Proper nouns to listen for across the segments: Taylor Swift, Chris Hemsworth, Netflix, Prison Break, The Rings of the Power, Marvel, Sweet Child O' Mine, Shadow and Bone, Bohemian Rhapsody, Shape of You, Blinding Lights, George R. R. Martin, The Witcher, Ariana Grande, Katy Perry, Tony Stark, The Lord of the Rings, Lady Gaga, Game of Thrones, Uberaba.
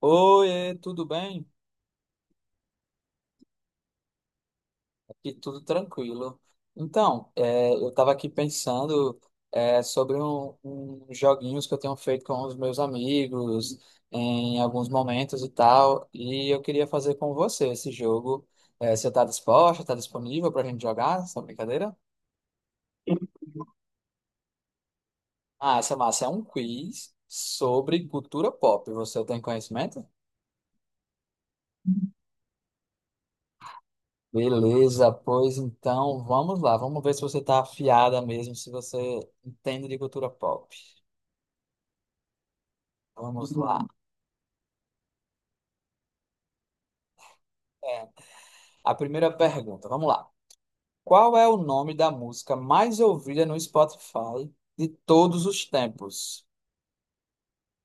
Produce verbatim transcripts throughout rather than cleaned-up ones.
Oi, tudo bem? Aqui tudo tranquilo. Então, é, eu estava aqui pensando é, sobre um, um joguinhos que eu tenho feito com os meus amigos em alguns momentos e tal, e eu queria fazer com você esse jogo. É, você está disposta? Está disponível para a gente jogar essa brincadeira? Ah, essa massa é um quiz sobre cultura pop. Você tem conhecimento? Beleza, pois então vamos lá, vamos ver se você está afiada mesmo, se você entende de cultura pop. Vamos lá. É, a primeira pergunta, vamos lá. Qual é o nome da música mais ouvida no Spotify de todos os tempos?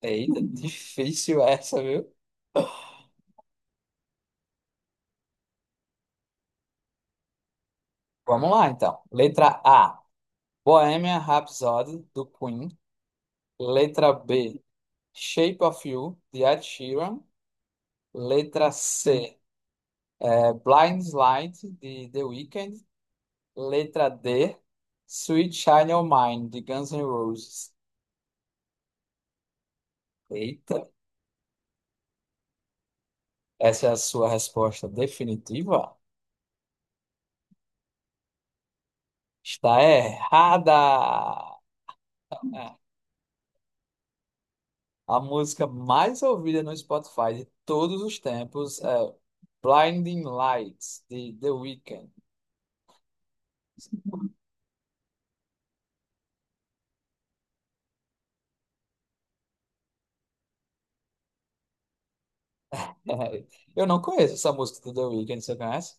Eita, difícil essa, viu? Vamos lá então. Letra A, Bohemian Rhapsody, do Queen. Letra B, Shape of You, de Ed Sheeran. Letra C, é Blind Light, de The Weeknd. Letra D, Sweet Child O' Mine, de Guns N' Roses. Eita, essa é a sua resposta definitiva? Está errada! A música mais ouvida no Spotify de todos os tempos é Blinding Lights, de The Weeknd. Eu não conheço essa música do The Weeknd, você conhece?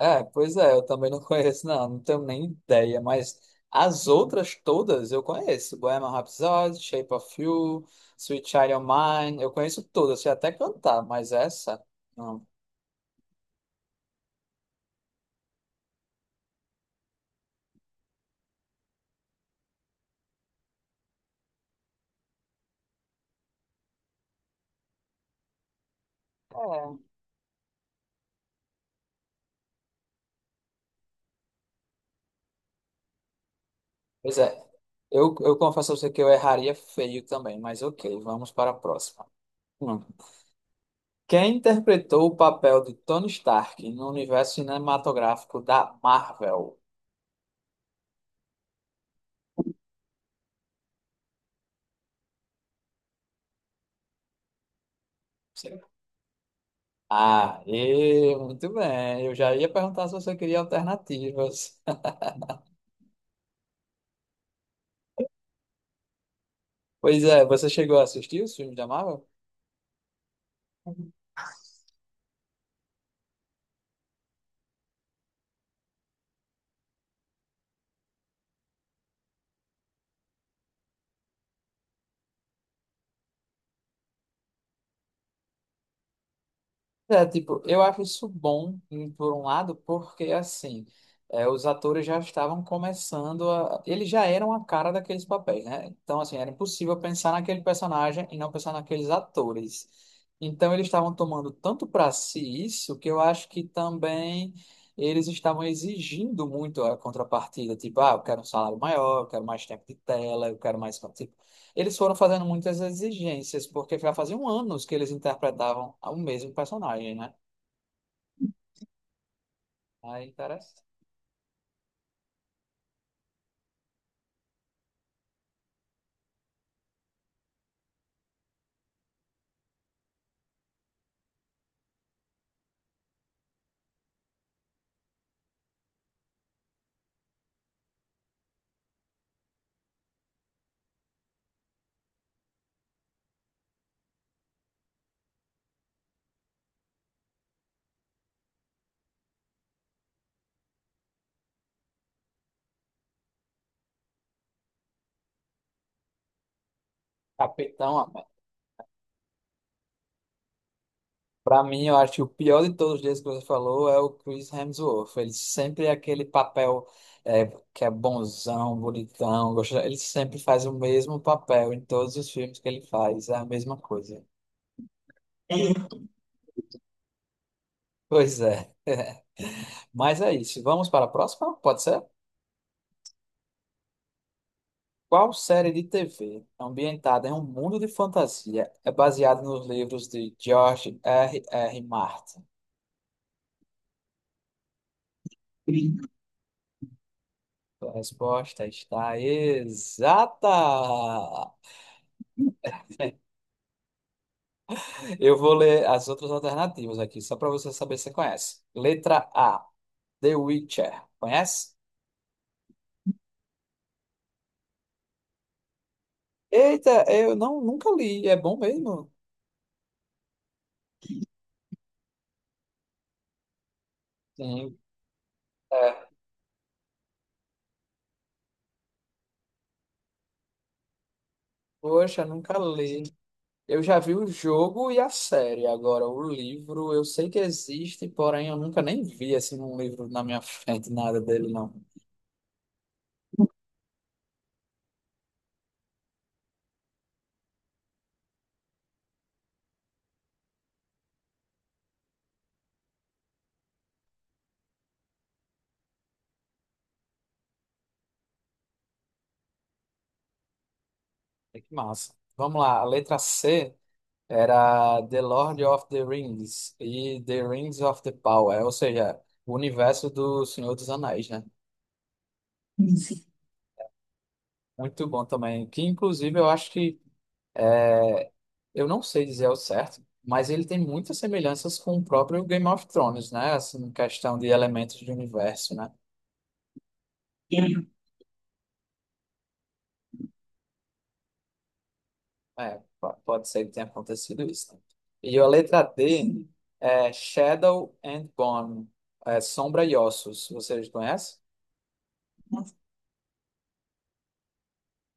É, pois é, eu também não conheço, não, não tenho nem ideia, mas as outras todas eu conheço. Bohemian Rhapsody, Shape of You, Sweet Child O' Mine, eu conheço todas, sei até cantar, mas essa, não. Pois é, eu, eu confesso a você que eu erraria feio também, mas ok, vamos para a próxima. Hum. Quem interpretou o papel de Tony Stark no universo cinematográfico da Marvel? Sim. Ah, e muito bem, eu já ia perguntar se você queria alternativas. Pois é, você chegou a assistir os filmes da Marvel? É, tipo, eu acho isso bom, em- por um lado, porque, assim, é, os atores já estavam começando a... Eles já eram a cara daqueles papéis, né? Então, assim, era impossível pensar naquele personagem e não pensar naqueles atores. Então, eles estavam tomando tanto para si isso, que eu acho que também eles estavam exigindo muito a contrapartida. Tipo, ah, eu quero um salário maior, eu quero mais tempo de tela, eu quero mais... Eles foram fazendo muitas exigências, porque já faziam anos que eles interpretavam o mesmo personagem, né? Aí, interessante. Capitão, para mim, eu acho que o pior de todos eles que você falou é o Chris Hemsworth. Ele sempre é aquele papel é, que é bonzão, bonitão, gostoso. Ele sempre faz o mesmo papel em todos os filmes que ele faz, é a mesma coisa. Pois é. Mas é isso. Vamos para a próxima? Pode ser? Qual série de T V ambientada em um mundo de fantasia é baseada nos livros de George R. R. Martin? A resposta está exata. Eu vou ler as outras alternativas aqui, só para você saber se você conhece. Letra A, The Witcher. Conhece? Eita, eu não, nunca li. É bom mesmo? Sim. É. Poxa, nunca li. Eu já vi o jogo e a série. Agora, o livro eu sei que existe, porém eu nunca nem vi assim um livro na minha frente, nada dele, não. É que massa. Vamos lá, a letra C era The Lord of the Rings e The Rings of the Power, ou seja, o universo do Senhor dos Anéis, né? Muito bom também. Que inclusive eu acho que é, eu não sei dizer ao certo, mas ele tem muitas semelhanças com o próprio Game of Thrones, né? Assim, em questão de elementos de universo, né? É, po- pode ser que tenha acontecido isso, né? E a letra D é Shadow and Bone, é Sombra e Ossos. Vocês conhecem?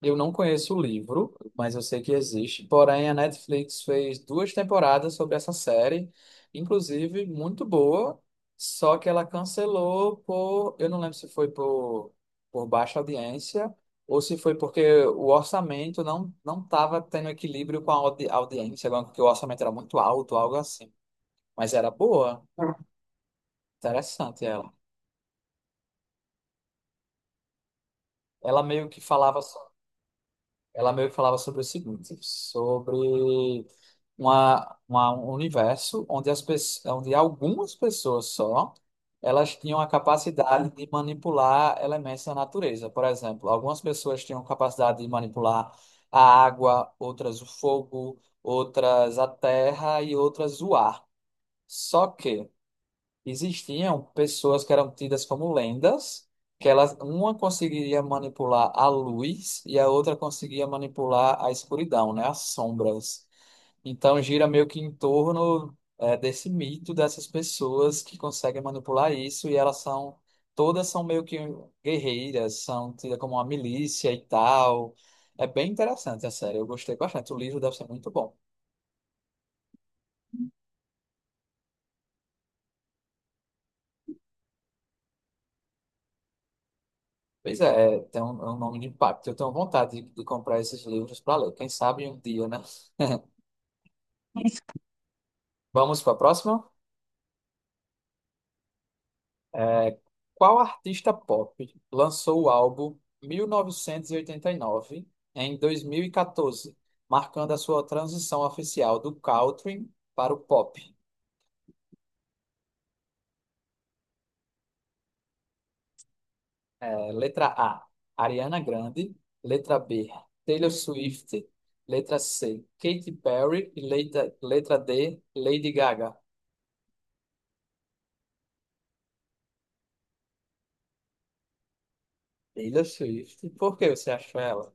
Eu não conheço o livro, mas eu sei que existe. Porém, a Netflix fez duas temporadas sobre essa série, inclusive muito boa, só que ela cancelou por, eu não lembro se foi por, por baixa audiência ou se foi porque o orçamento não não estava tendo equilíbrio com a audi- audiência, porque o orçamento era muito alto, algo assim. Mas era boa, interessante ela. Ela meio que falava Ela meio que falava sobre o seguinte, sobre uma, uma- um universo onde as pessoas, onde algumas pessoas só, elas tinham a capacidade de manipular elementos da natureza. Por exemplo, algumas pessoas tinham capacidade de manipular a água, outras o fogo, outras a terra e outras o ar. Só que existiam pessoas que eram tidas como lendas, que elas, uma conseguiria manipular a luz e a outra conseguia manipular a escuridão, né, as sombras. Então gira meio que em torno eh, desse mito dessas pessoas que conseguem manipular isso e elas são todas são meio que guerreiras, são tidas como uma milícia e tal. É bem interessante a série, eu gostei bastante. O livro deve ser muito bom. Pois é, é, tem um, é um nome de impacto. Eu tenho vontade de, de comprar esses livros para ler. Quem sabe um dia, né? Vamos para a próxima? É, qual artista pop lançou o álbum mil novecentos e e oitenta e nove em dois mil e quatorze, marcando a sua transição oficial do country para o pop? É, letra A, Ariana Grande. Letra B, Taylor Swift. Letra C, Katy Perry. E letra, letra D, Lady Gaga. Taylor Swift. E por que você achou ela?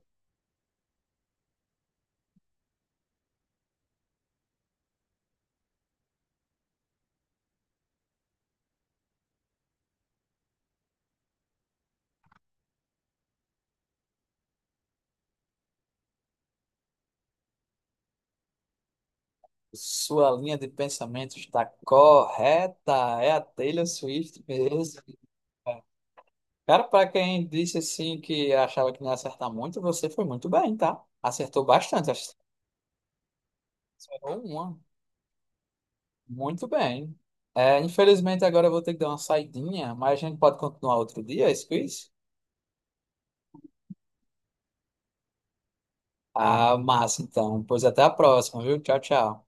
Sua linha de pensamento está correta. É a Taylor Swift mesmo. Cara, para quem disse assim que achava que não ia acertar muito, você foi muito bem, tá? Acertou bastante. Acho que você errou uma. Muito bem. É, infelizmente, agora eu vou ter que dar uma saidinha, mas a gente pode continuar outro dia, esse quiz? Ah, massa, então. Pois até a próxima, viu? Tchau, tchau.